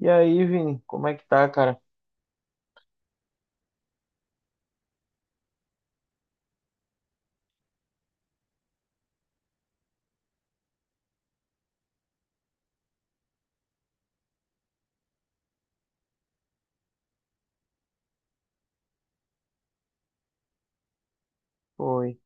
E aí, Vini, como é que tá, cara? Foi.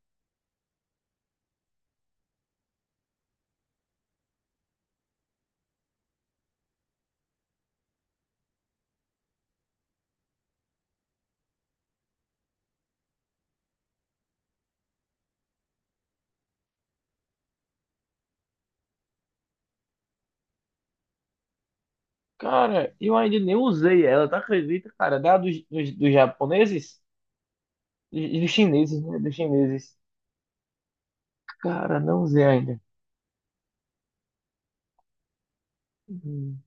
Cara, eu ainda nem usei ela, tá acredita, cara? Dos japoneses? Dos chineses, né? Dos chineses. Cara, não usei ainda. Hum.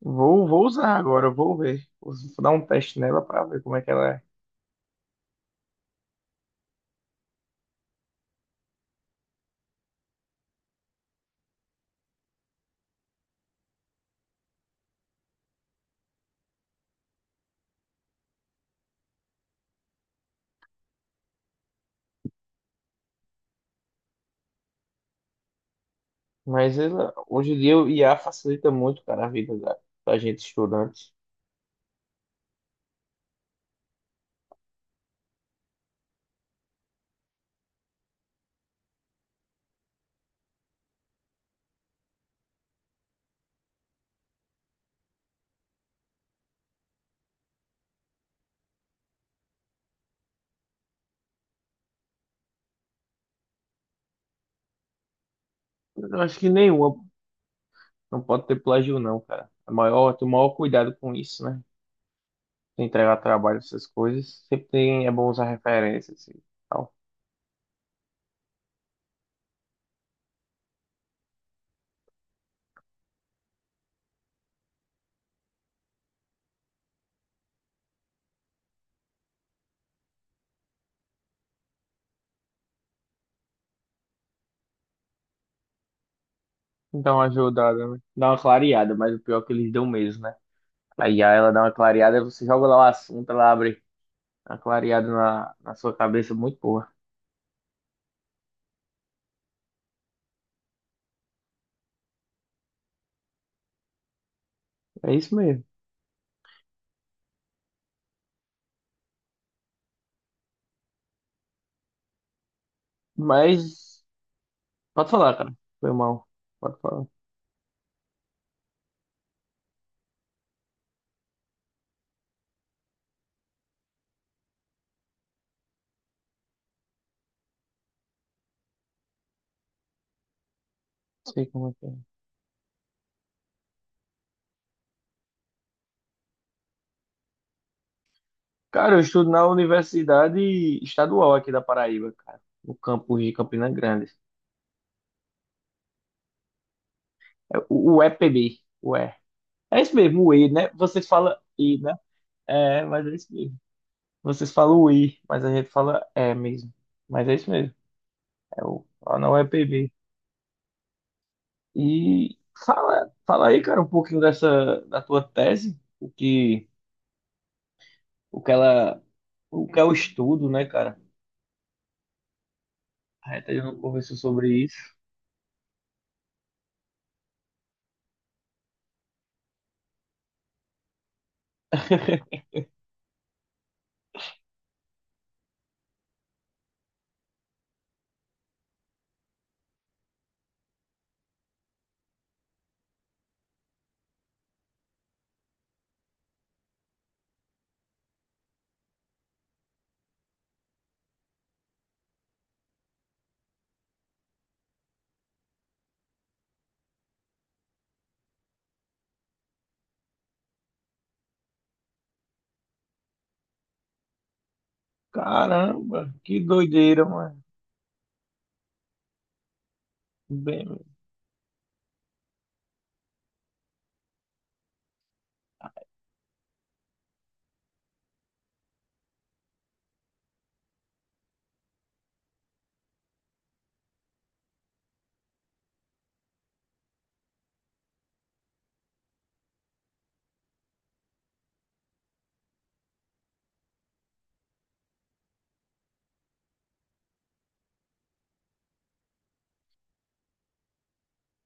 Vou usar agora, vou ver. Vou dar um teste nela pra ver como é que ela é. Mas ela, hoje em dia o IA facilita muito, cara, a vida da gente estudante. Eu acho que nenhuma não pode ter plágio, não, cara. É maior, tem o maior cuidado com isso, né? Entregar trabalho, essas coisas, é bom usar referências e tal. Dá uma ajudada, né? Dá uma clareada, mas o pior é que eles dão mesmo, né? Aí ela dá uma clareada, você joga lá o assunto, ela abre uma clareada na sua cabeça, muito boa. É isso mesmo. Mas, pode falar, cara. Foi mal. Pode falar. Não sei como é que é. Cara, eu estudo na Universidade Estadual aqui da Paraíba, cara. No campus de Campina Grande. É o EPB. É isso mesmo, o I, né? Vocês falam I, né? É, mas é isso mesmo. Vocês falam o I, mas a gente fala é mesmo. Mas é isso mesmo. Lá não é PB. E fala, fala aí, cara, um pouquinho dessa da tua tese, o que ela, o que é o estudo, né, cara? A gente ainda não conversou sobre isso. Caramba, que doideira, mano. Bem,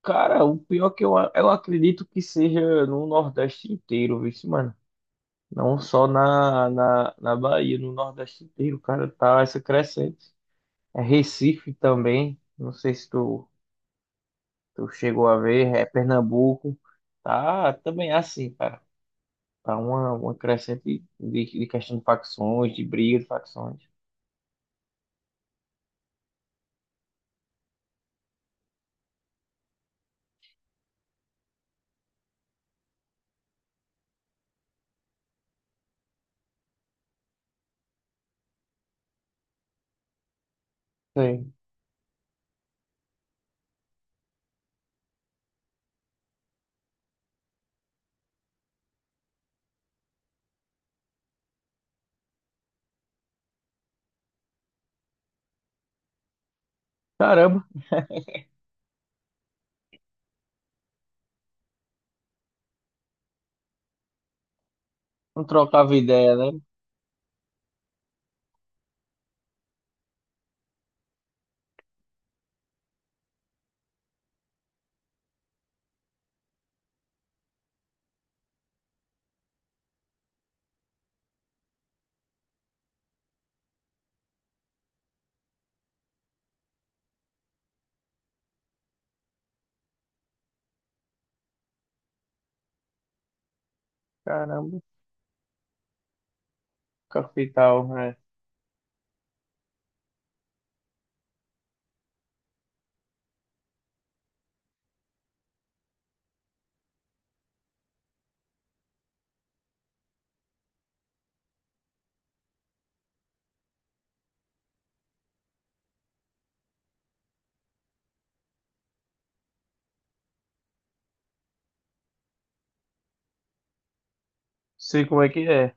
cara, o pior é que eu acredito que seja no Nordeste inteiro, viu, mano? Não só na Bahia, no Nordeste inteiro, cara, tá, essa é crescente. É Recife também, não sei se tu chegou a ver, é Pernambuco, tá também é assim, cara. Tá uma crescente de questão de facções, de briga de facções. Sei. Caramba, não trocava ideia, né? Caramba, capital, né? Sei como é que é,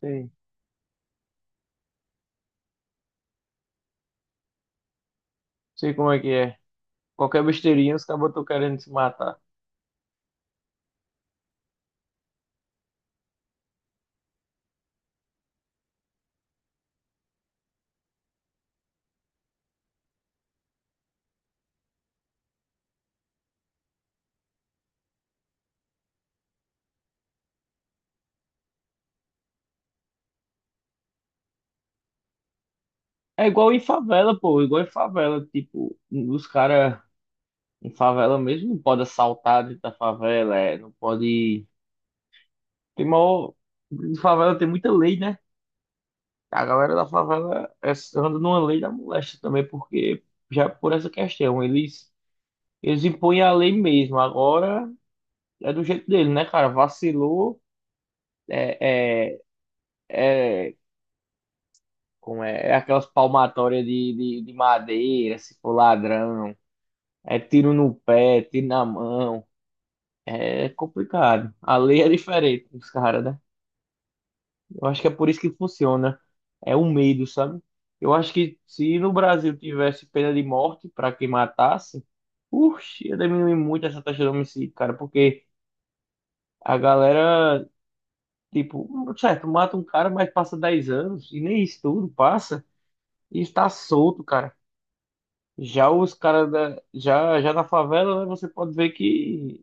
sei, sei como é que é. Qualquer besteirinha, os caras estão querendo se matar. É igual em favela, pô, igual em favela, tipo, os caras em favela mesmo não pode assaltar dentro da favela, é, não pode. Tem maior. Em favela tem muita lei, né? A galera da favela é, anda numa lei da moléstia também, porque já é por essa questão, eles impõem a lei mesmo, agora é do jeito dele, né, cara? Vacilou, é, é, é, como é, é aquelas palmatórias de madeira, se for ladrão, é tiro no pé, tiro na mão. É complicado. A lei é diferente dos caras, né? Eu acho que é por isso que funciona. É o medo, sabe? Eu acho que se no Brasil tivesse pena de morte para quem matasse, uxe, ia diminuir muito essa taxa de homicídio, cara, porque a galera, tipo, certo, mata um cara, mas passa 10 anos e nem isso tudo passa e está solto, cara. Já os caras da, já na favela, né, você pode ver que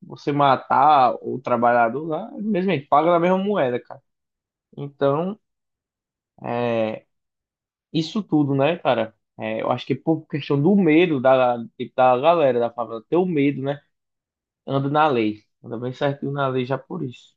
você matar o trabalhador lá, mesmo ele paga na mesma moeda, cara. Então, é, isso tudo, né, cara? É, eu acho que por questão do medo da, tipo, da galera da favela, ter o medo, né? Anda na lei. Anda bem certinho na lei já por isso.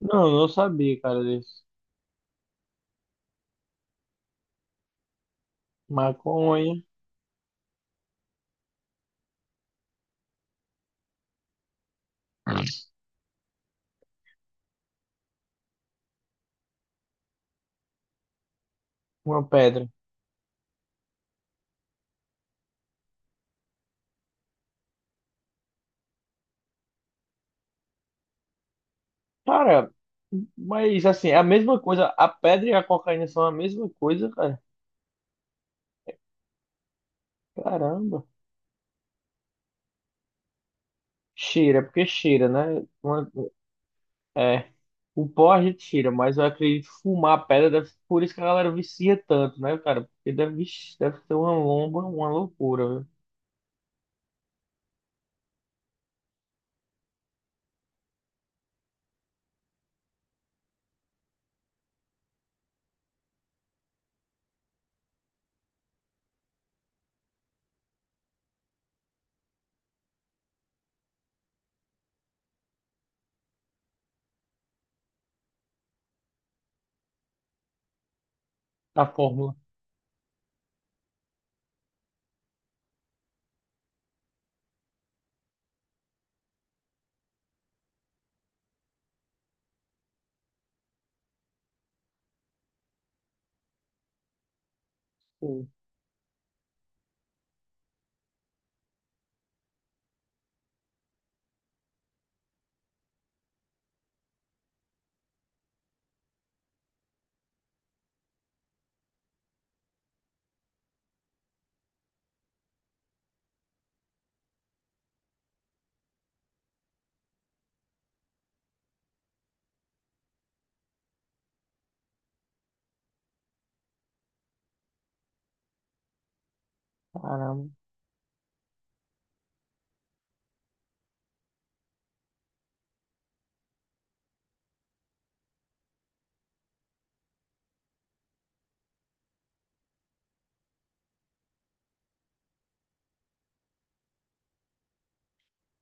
Não, eu não sabia, cara, disso. Maconha, uma pedra. Cara, mas assim, é a mesma coisa. A pedra e a cocaína são a mesma coisa, cara. Caramba. Cheira, porque cheira, né? É, o pó a gente cheira, mas eu acredito que fumar a pedra, deve, por isso que a galera vicia tanto, né, cara? Porque deve, vixe, deve ser uma lomba, uma loucura, viu? A fórmula. Sim. Caramba.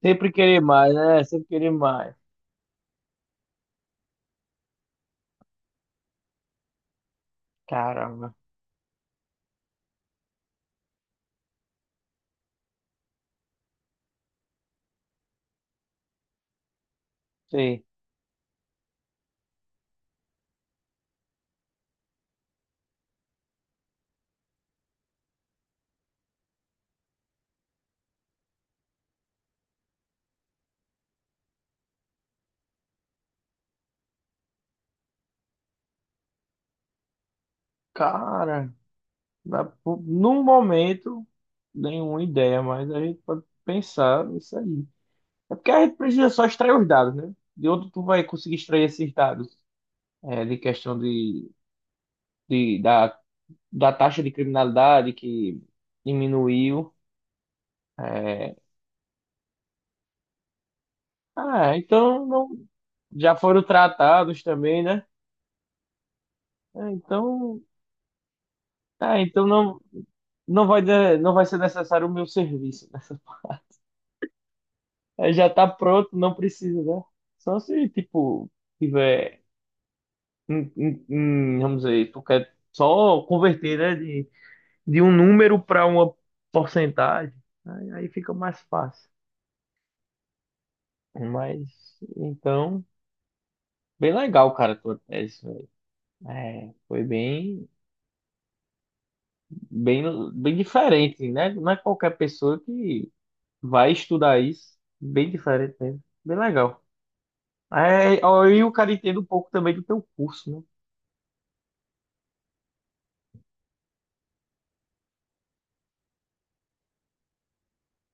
Sempre querer mais, né? Sempre querer mais. Caramba. Sei. Cara, no momento, nenhuma ideia, mas a gente pode pensar nisso aí. É porque a gente precisa só extrair os dados, né? De onde tu vai conseguir extrair esses dados? É, de questão de- da, da taxa de criminalidade que diminuiu. É. Ah, então não, já foram tratados também, né? Ah, então, ah, então não, não vai ser necessário o meu serviço, né? Aí já tá pronto, não precisa, né? Só se, tipo, tiver, vamos dizer, tu quer só converter, né, de um número para uma porcentagem, aí fica mais fácil. Mas, então, bem legal, cara, a tua tese, velho. É, foi bem, bem, bem diferente, né? Não é qualquer pessoa que vai estudar isso. Bem diferente mesmo. Bem legal. É, ó, e o cara entende um pouco também do teu curso, né